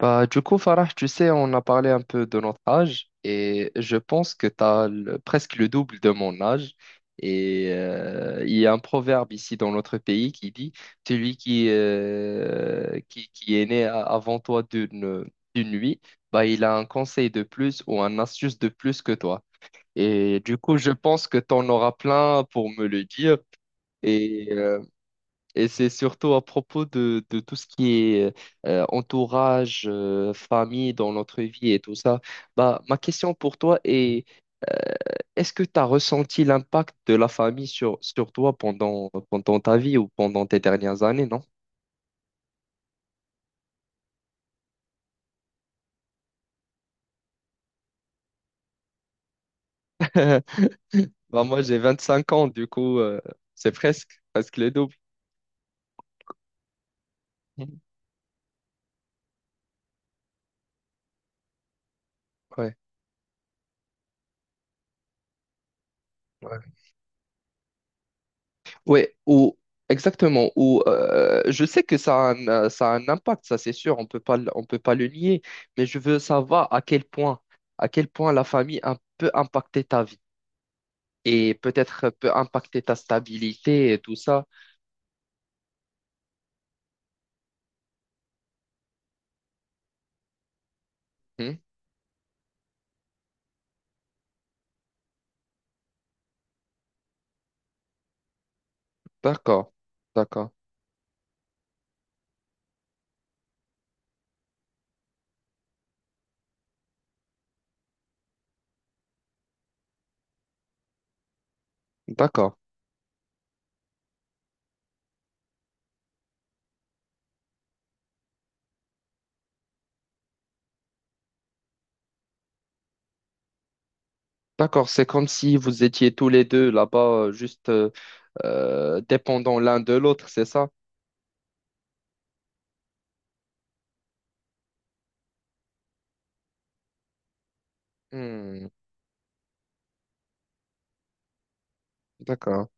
Bah, du coup, Farah, tu sais, on a parlé un peu de notre âge et je pense que tu as presque le double de mon âge. Il y a un proverbe ici dans notre pays qui dit, celui qui est avant toi d'une nuit, bah, il a un conseil de plus ou un astuce de plus que toi. Et du coup, je pense que tu en auras plein pour me le dire. Et euh, et c'est surtout à propos de tout ce qui est entourage, famille dans notre vie et tout ça. Bah, ma question pour toi est, euh, est-ce que tu as ressenti l'impact de la famille sur toi pendant ta vie ou pendant tes dernières années, non? Bah, moi, j'ai 25 ans, du coup, c'est presque le double. Mhm. Ouais. Ouais, ou exactement. Ou je sais que ça ça a un impact, ça c'est sûr. On peut pas le nier. Mais je veux savoir à quel à quel point la famille peut impacter ta vie et peut-être peut impacter ta stabilité et tout ça. Hmm. D'accord, d'accord, d'accord, d'accord. C'est comme si vous étiez tous les deux là-bas, juste dépendants l'un de l'autre, c'est ça? Hmm. D'accord.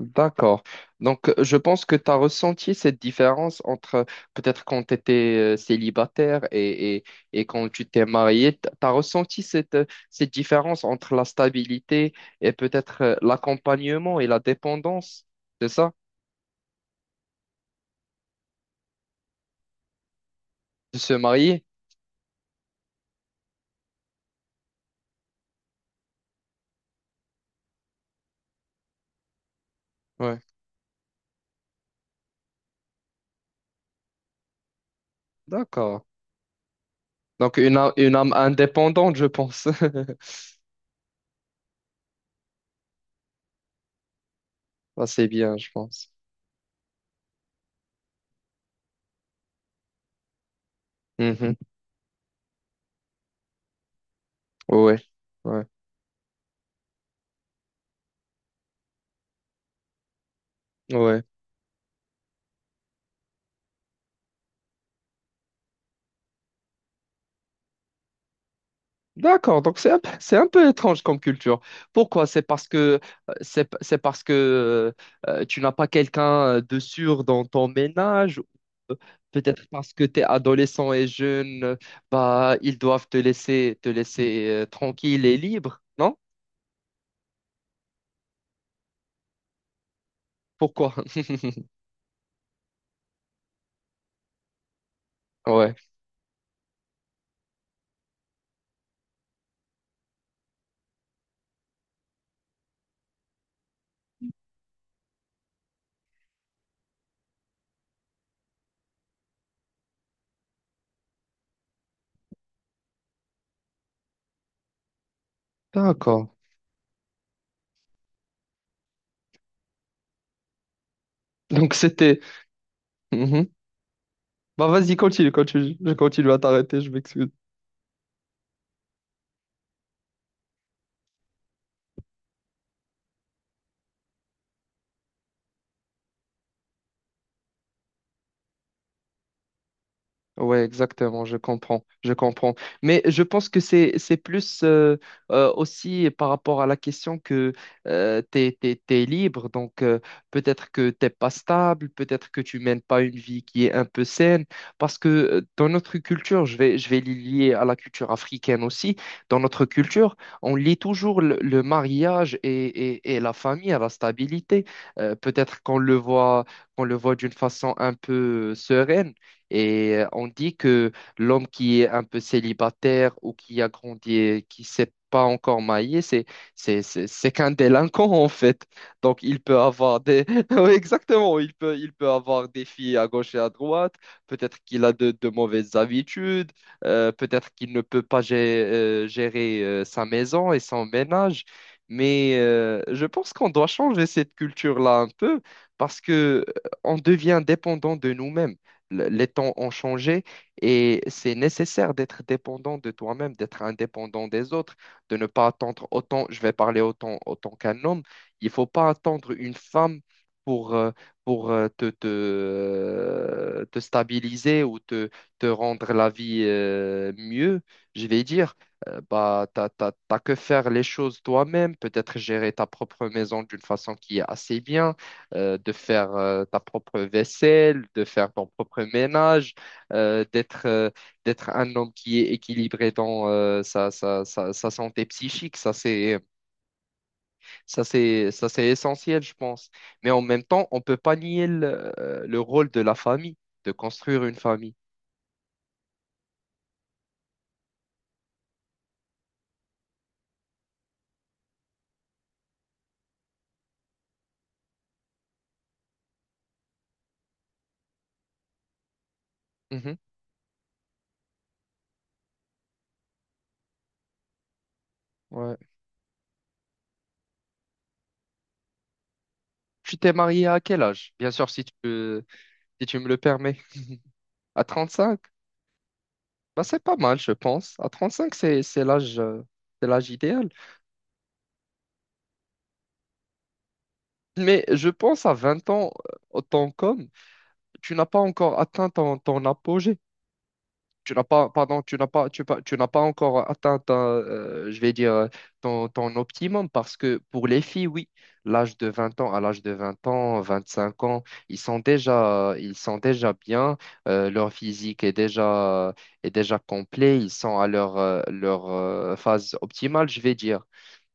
D'accord. Donc, je pense que tu as ressenti cette différence entre peut-être quand tu étais célibataire et quand tu t'es marié. Tu as ressenti cette différence entre la stabilité et peut-être l'accompagnement et la dépendance, c'est ça? De se marier? Ouais. D'accord. Donc, une âme indépendante, je pense. Ça, c'est bien, je pense. Mhm. Ouais. Ouais. Ouais. D'accord, donc c'est un peu étrange comme culture. Pourquoi? C'est parce que c'est parce que tu n'as pas quelqu'un de sûr dans ton ménage, ou euh, peut-être parce que tu es adolescent et jeune, bah ils doivent te laisser tranquille et libre, non? Pourquoi? Ouais. D'accord. Donc c'était. Mhm. Bah vas-y, continue, continue. Je continue à t'arrêter, je m'excuse. Ouais, exactement, je comprends, je comprends. Mais je pense que c'est plus aussi par rapport à la question que t'es libre, donc peut-être que t'es pas stable, peut-être que tu mènes pas une vie qui est un peu saine, parce que dans notre culture, je vais les lier à la culture africaine aussi. Dans notre culture, on lie toujours le mariage et, et la famille à la stabilité. Peut-être qu'on le voit d'une façon un peu sereine. Et on dit que l'homme qui est un peu célibataire ou qui a grandi et qui s'est pas encore marié, c'est qu'un délinquant en fait. Donc il peut avoir des Oui, exactement, il peut avoir des filles à gauche et à droite, peut-être qu'il a de mauvaises habitudes, peut-être qu'il ne peut pas gérer sa maison et son ménage. Mais je pense qu'on doit changer cette culture-là un peu parce que on devient dépendant de nous-mêmes, les temps ont changé et c'est nécessaire d'être dépendant de toi-même, d'être indépendant des autres, de ne pas attendre autant, je vais parler autant, autant qu'un homme, il faut pas attendre une femme pour, euh, pour te stabiliser ou te rendre la vie mieux, je vais dire. Bah, t'as que faire les choses toi-même, peut-être gérer ta propre maison d'une façon qui est assez bien, de faire ta propre vaisselle, de faire ton propre ménage, d'être d'être un homme qui est équilibré dans sa santé psychique. Ça, c'est essentiel, je pense. Mais en même temps, on peut pas nier le rôle de la famille, de construire une famille. Mhm, ouais. Tu t'es marié à quel âge? Bien sûr, si tu me le permets. À 35. Bah, c'est pas mal, je pense. À 35 c'est l'âge c'est l'âge idéal. Mais je pense à 20 ans, en tant qu'homme, tu n'as pas encore atteint ton apogée. Tu n'as pas, pardon, tu n'as pas, tu, pas- Tu n'as pas encore atteint, ta, je vais dire, ton, ton optimum parce que pour les filles, oui, l'âge de 20 ans, à l'âge de 20 ans, 25 ans, ils sont déjà bien, leur physique est est déjà complet, ils sont à leur phase optimale, je vais dire.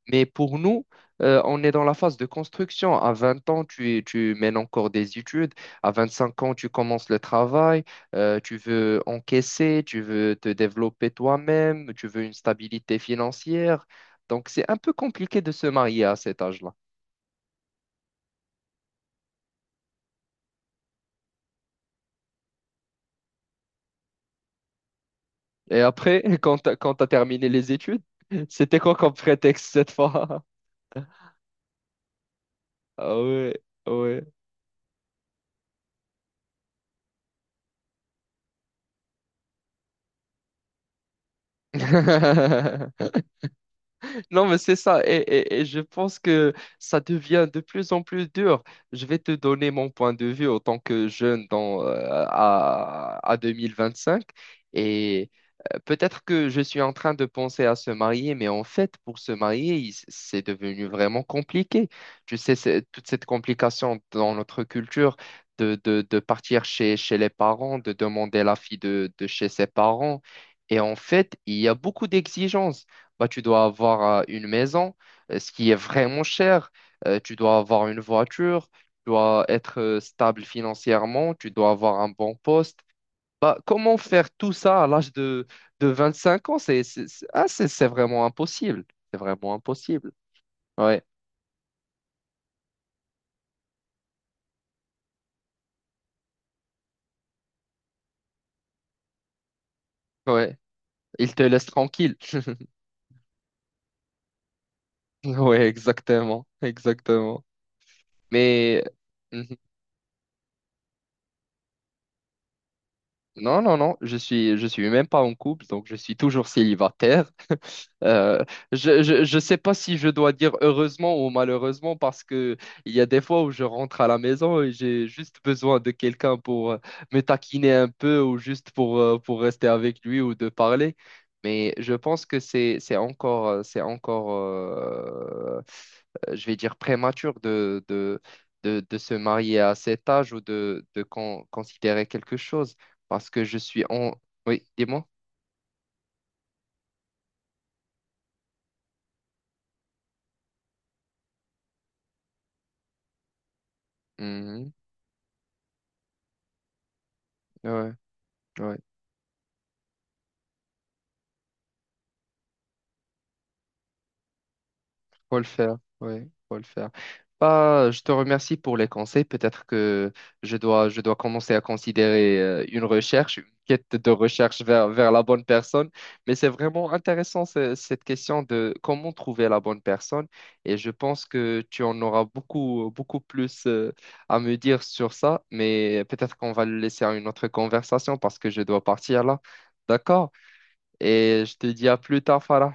Mais pour nous, on est dans la phase de construction. À 20 ans, tu mènes encore des études. À 25 ans, tu commences le travail. Tu veux encaisser, tu veux te développer toi-même, tu veux une stabilité financière. Donc, c'est un peu compliqué de se marier à cet âge-là. Et après, quand tu as terminé les études, c'était quoi comme prétexte cette fois? Ah ouais, ouais. Non, mais c'est ça. Et je pense que ça devient de plus en plus dur. Je vais te donner mon point de vue en tant que jeune à 2025. Et peut-être que je suis en train de penser à se marier, mais en fait, pour se marier, c'est devenu vraiment compliqué. Tu sais, c'est toute cette complication dans notre culture de partir chez les parents, de demander la fille de chez ses parents. Et en fait, il y a beaucoup d'exigences, bah, tu dois avoir une maison, ce qui est vraiment cher. Tu dois avoir une voiture, tu dois être stable financièrement, tu dois avoir un bon poste. Bah, comment faire tout ça de 25 ans? C'est vraiment impossible. C'est vraiment impossible. Ouais, ouais. Il te laisse tranquille. Ouais, exactement, exactement. Mais mhm. Non, je je suis même pas en couple, donc je suis toujours célibataire. Euh, je sais pas si je dois dire heureusement ou malheureusement parce que il y a des fois où je rentre à la maison et j'ai juste besoin de quelqu'un pour me taquiner un peu ou juste pour rester avec lui ou de parler. Mais je pense que c'est encore, je vais dire prématuré de se marier à cet âge ou de considérer quelque chose parce que je suis en... Oui, dis-moi. Mhm. Ouais, ouais. Faut le faire, oui, faut le faire. Bah, je te remercie pour les conseils. Peut-être que je dois commencer à considérer une recherche, une quête de recherche vers la bonne personne. Mais c'est vraiment intéressant cette question de comment trouver la bonne personne. Et je pense que tu en auras beaucoup, beaucoup plus à me dire sur ça. Mais peut-être qu'on va le laisser à une autre conversation parce que je dois partir là. D'accord? Et je te dis à plus tard, Farah.